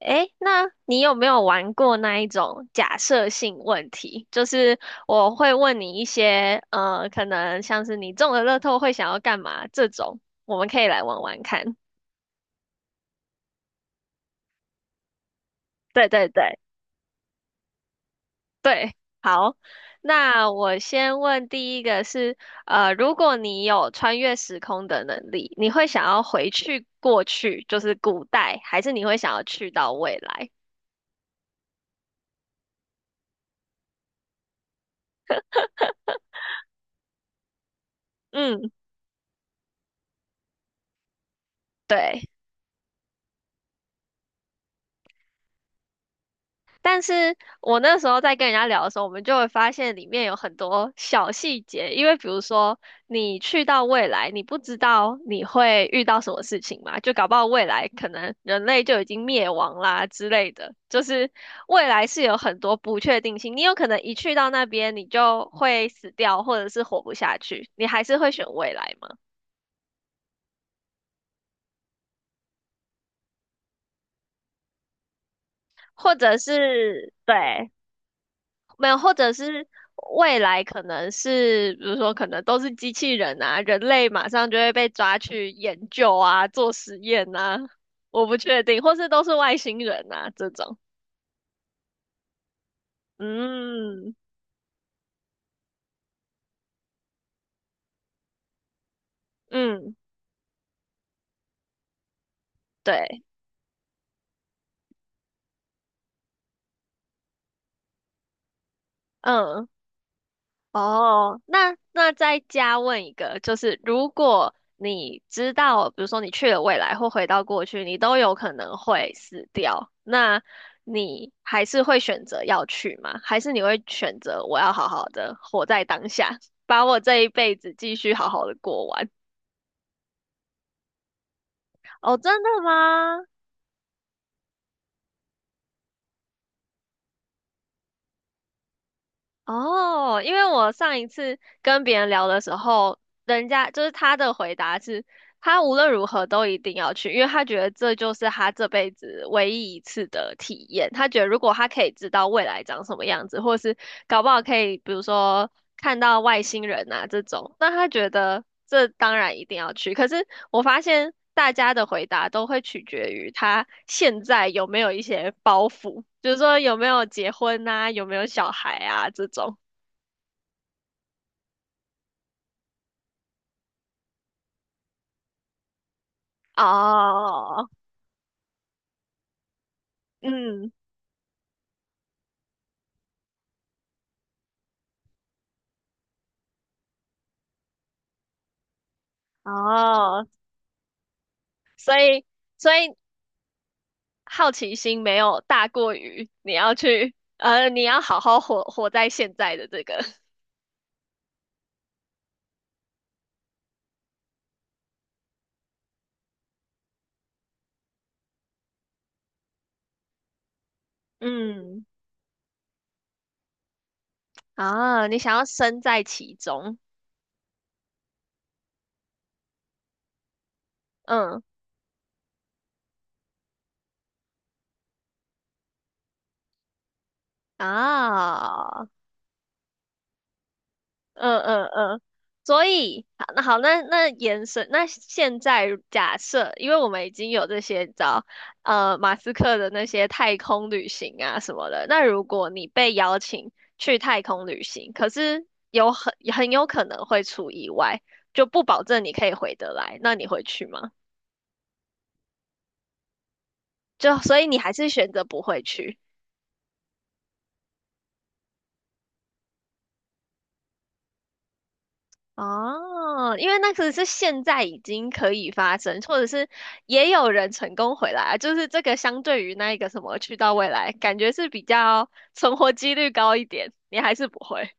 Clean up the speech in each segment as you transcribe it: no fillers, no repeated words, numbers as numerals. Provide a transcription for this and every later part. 诶，那你有没有玩过那一种假设性问题？就是我会问你一些，可能像是你中了乐透会想要干嘛这种，我们可以来玩玩看。对对对对，好。那我先问第一个是，如果你有穿越时空的能力，你会想要回去过去，就是古代，还是你会想要去到未来？嗯，对。但是我那时候在跟人家聊的时候，我们就会发现里面有很多小细节，因为比如说你去到未来，你不知道你会遇到什么事情嘛，就搞不好未来可能人类就已经灭亡啦之类的，就是未来是有很多不确定性，你有可能一去到那边你就会死掉，或者是活不下去，你还是会选未来吗？或者是对。没有，或者是未来可能是，比如说可能都是机器人啊，人类马上就会被抓去研究啊，做实验啊，我不确定，或是都是外星人啊这种。嗯嗯，对，嗯。哦，那那再加问一个，就是如果你知道，比如说你去了未来或回到过去，你都有可能会死掉，那你还是会选择要去吗？还是你会选择我要好好的活在当下，把我这一辈子继续好好的过完？哦，真的吗？哦，因为我上一次跟别人聊的时候，人家就是他的回答是。他无论如何都一定要去，因为他觉得这就是他这辈子唯一一次的体验。他觉得如果他可以知道未来长什么样子，或是搞不好可以，比如说看到外星人啊这种，那他觉得这当然一定要去。可是我发现大家的回答都会取决于他现在有没有一些包袱，就是说有没有结婚啊，有没有小孩啊这种。哦，嗯，哦，所以。所以好奇心没有大过于你要去，你要好好活在现在的这个 嗯，啊，你想要身在其中，嗯啊。嗯嗯嗯，所以好，那好，那那延伸，那现在假设，因为我们已经有这些，你知道马斯克的那些太空旅行啊什么的，那如果你被邀请去太空旅行，可是有很有可能会出意外，就不保证你可以回得来，那你会去吗？就所以你还是选择不会去。哦，因为那个是现在已经可以发生，或者是也有人成功回来啊，就是这个相对于那一个什么去到未来，感觉是比较存活几率高一点，你还是不会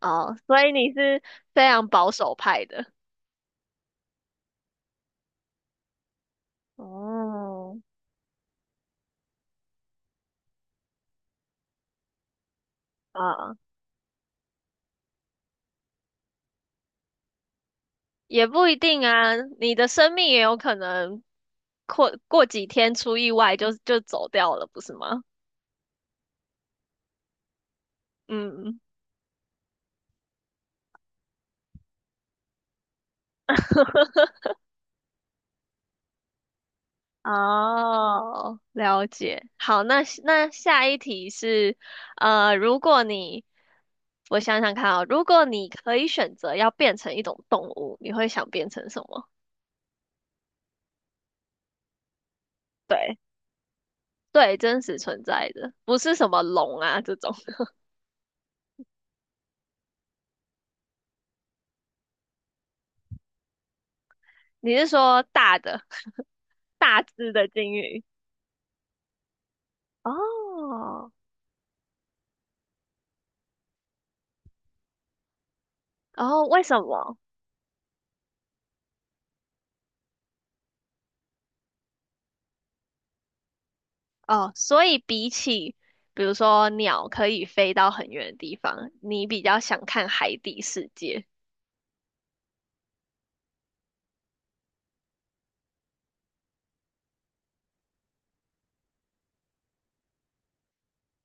哦，所以你是非常保守派的哦，啊，也不一定啊，你的生命也有可能过几天出意外就走掉了，不是吗？嗯。哦，了解。好，那那下一题是，如果你，我想想看啊，如果你可以选择要变成一种动物，你会想变成什么？对，对，真实存在的，不是什么龙啊这种。你是说大的、大只的鲸鱼？哦，然后为什么？哦，所以比起比如说鸟可以飞到很远的地方，你比较想看海底世界，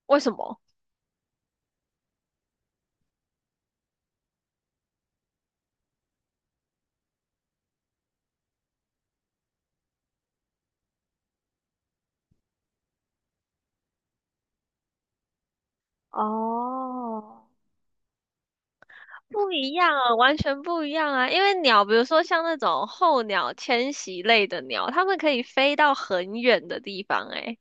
为什么？哦，不一样啊，完全不一样啊！因为鸟，比如说像那种候鸟、迁徙类的鸟，它们可以飞到很远的地方、欸，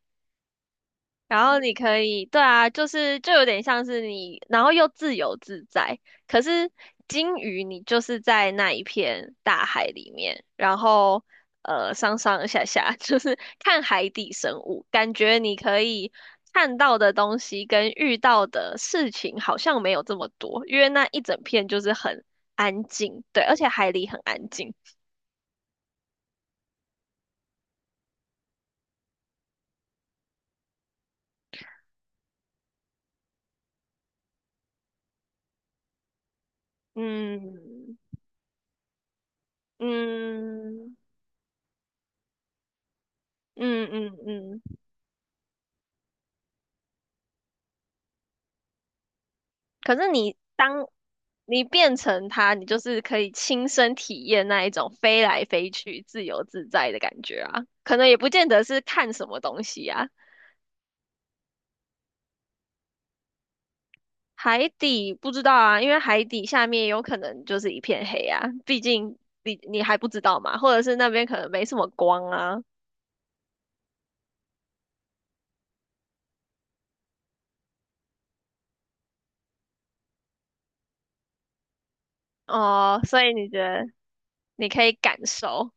然后你可以，对啊，就是就有点像是你，然后又自由自在。可是鲸鱼，你就是在那一片大海里面，然后上上下下，就是看海底生物，感觉你可以看到的东西跟遇到的事情好像没有这么多，因为那一整片就是很安静，对，而且海里很安静。嗯嗯嗯嗯嗯，可是你当你变成它，你就是可以亲身体验那一种飞来飞去、自由自在的感觉啊。可能也不见得是看什么东西啊。海底不知道啊，因为海底下面有可能就是一片黑啊，毕竟你还不知道嘛，或者是那边可能没什么光啊。哦，所以你觉得你可以感受？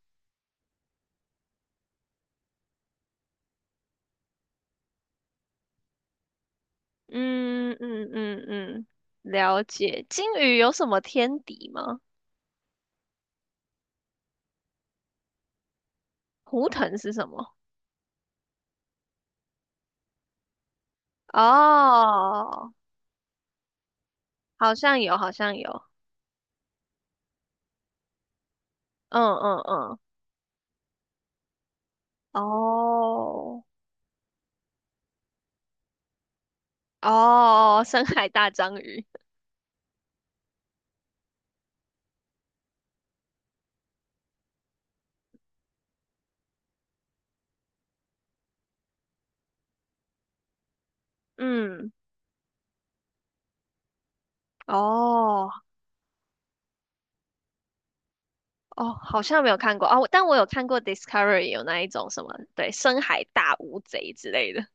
嗯嗯嗯嗯，了解。鲸鱼有什么天敌吗？胡腾是什么？哦，好像有，好像有。嗯嗯嗯，哦哦，深海大章鱼，嗯，哦哦，好像没有看过哦，但我有看过 Discovery 有那一种什么，对，深海大乌贼之类的。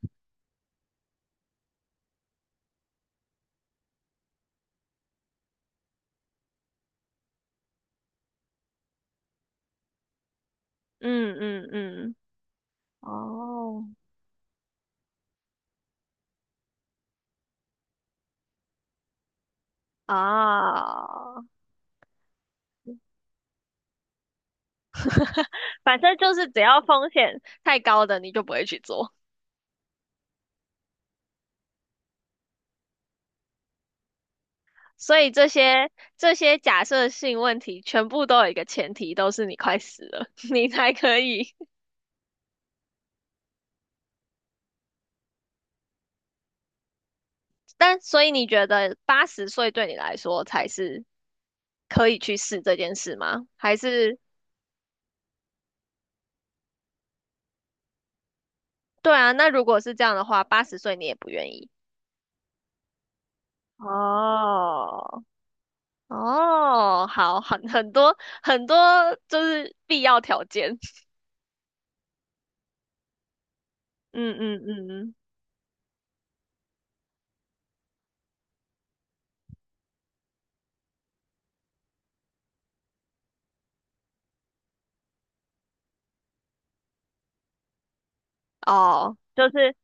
嗯嗯嗯，哦，啊，反正就是只要风险太高的，你就不会去做。所以这些这些假设性问题，全部都有一个前提，都是你快死了，你才可以但所以你觉得八十岁对你来说才是可以去试这件事吗？还是对啊？那如果是这样的话，八十岁你也不愿意？哦，哦，好，很很多很多就是必要条件。嗯嗯嗯，嗯哦，就是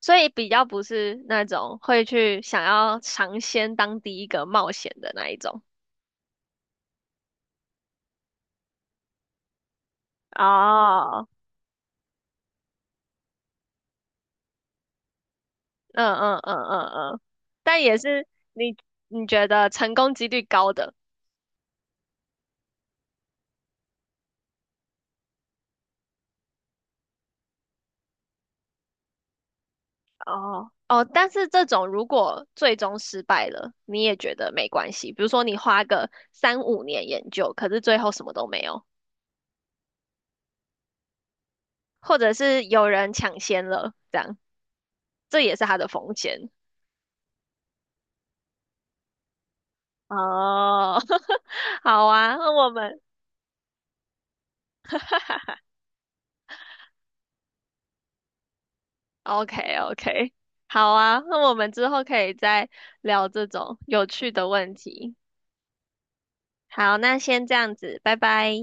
所以比较不是那种会去想要尝鲜当第一个冒险的那一种。哦，嗯嗯嗯嗯嗯，但也是你你觉得成功几率高的哦哦，但是这种如果最终失败了，你也觉得没关系。比如说你花个3、5年研究，可是最后什么都没有，或者是有人抢先了，这样这也是它的风险哦。好啊，那我们 OK OK，好啊，那我们之后可以再聊这种有趣的问题。好，那先这样子，拜拜。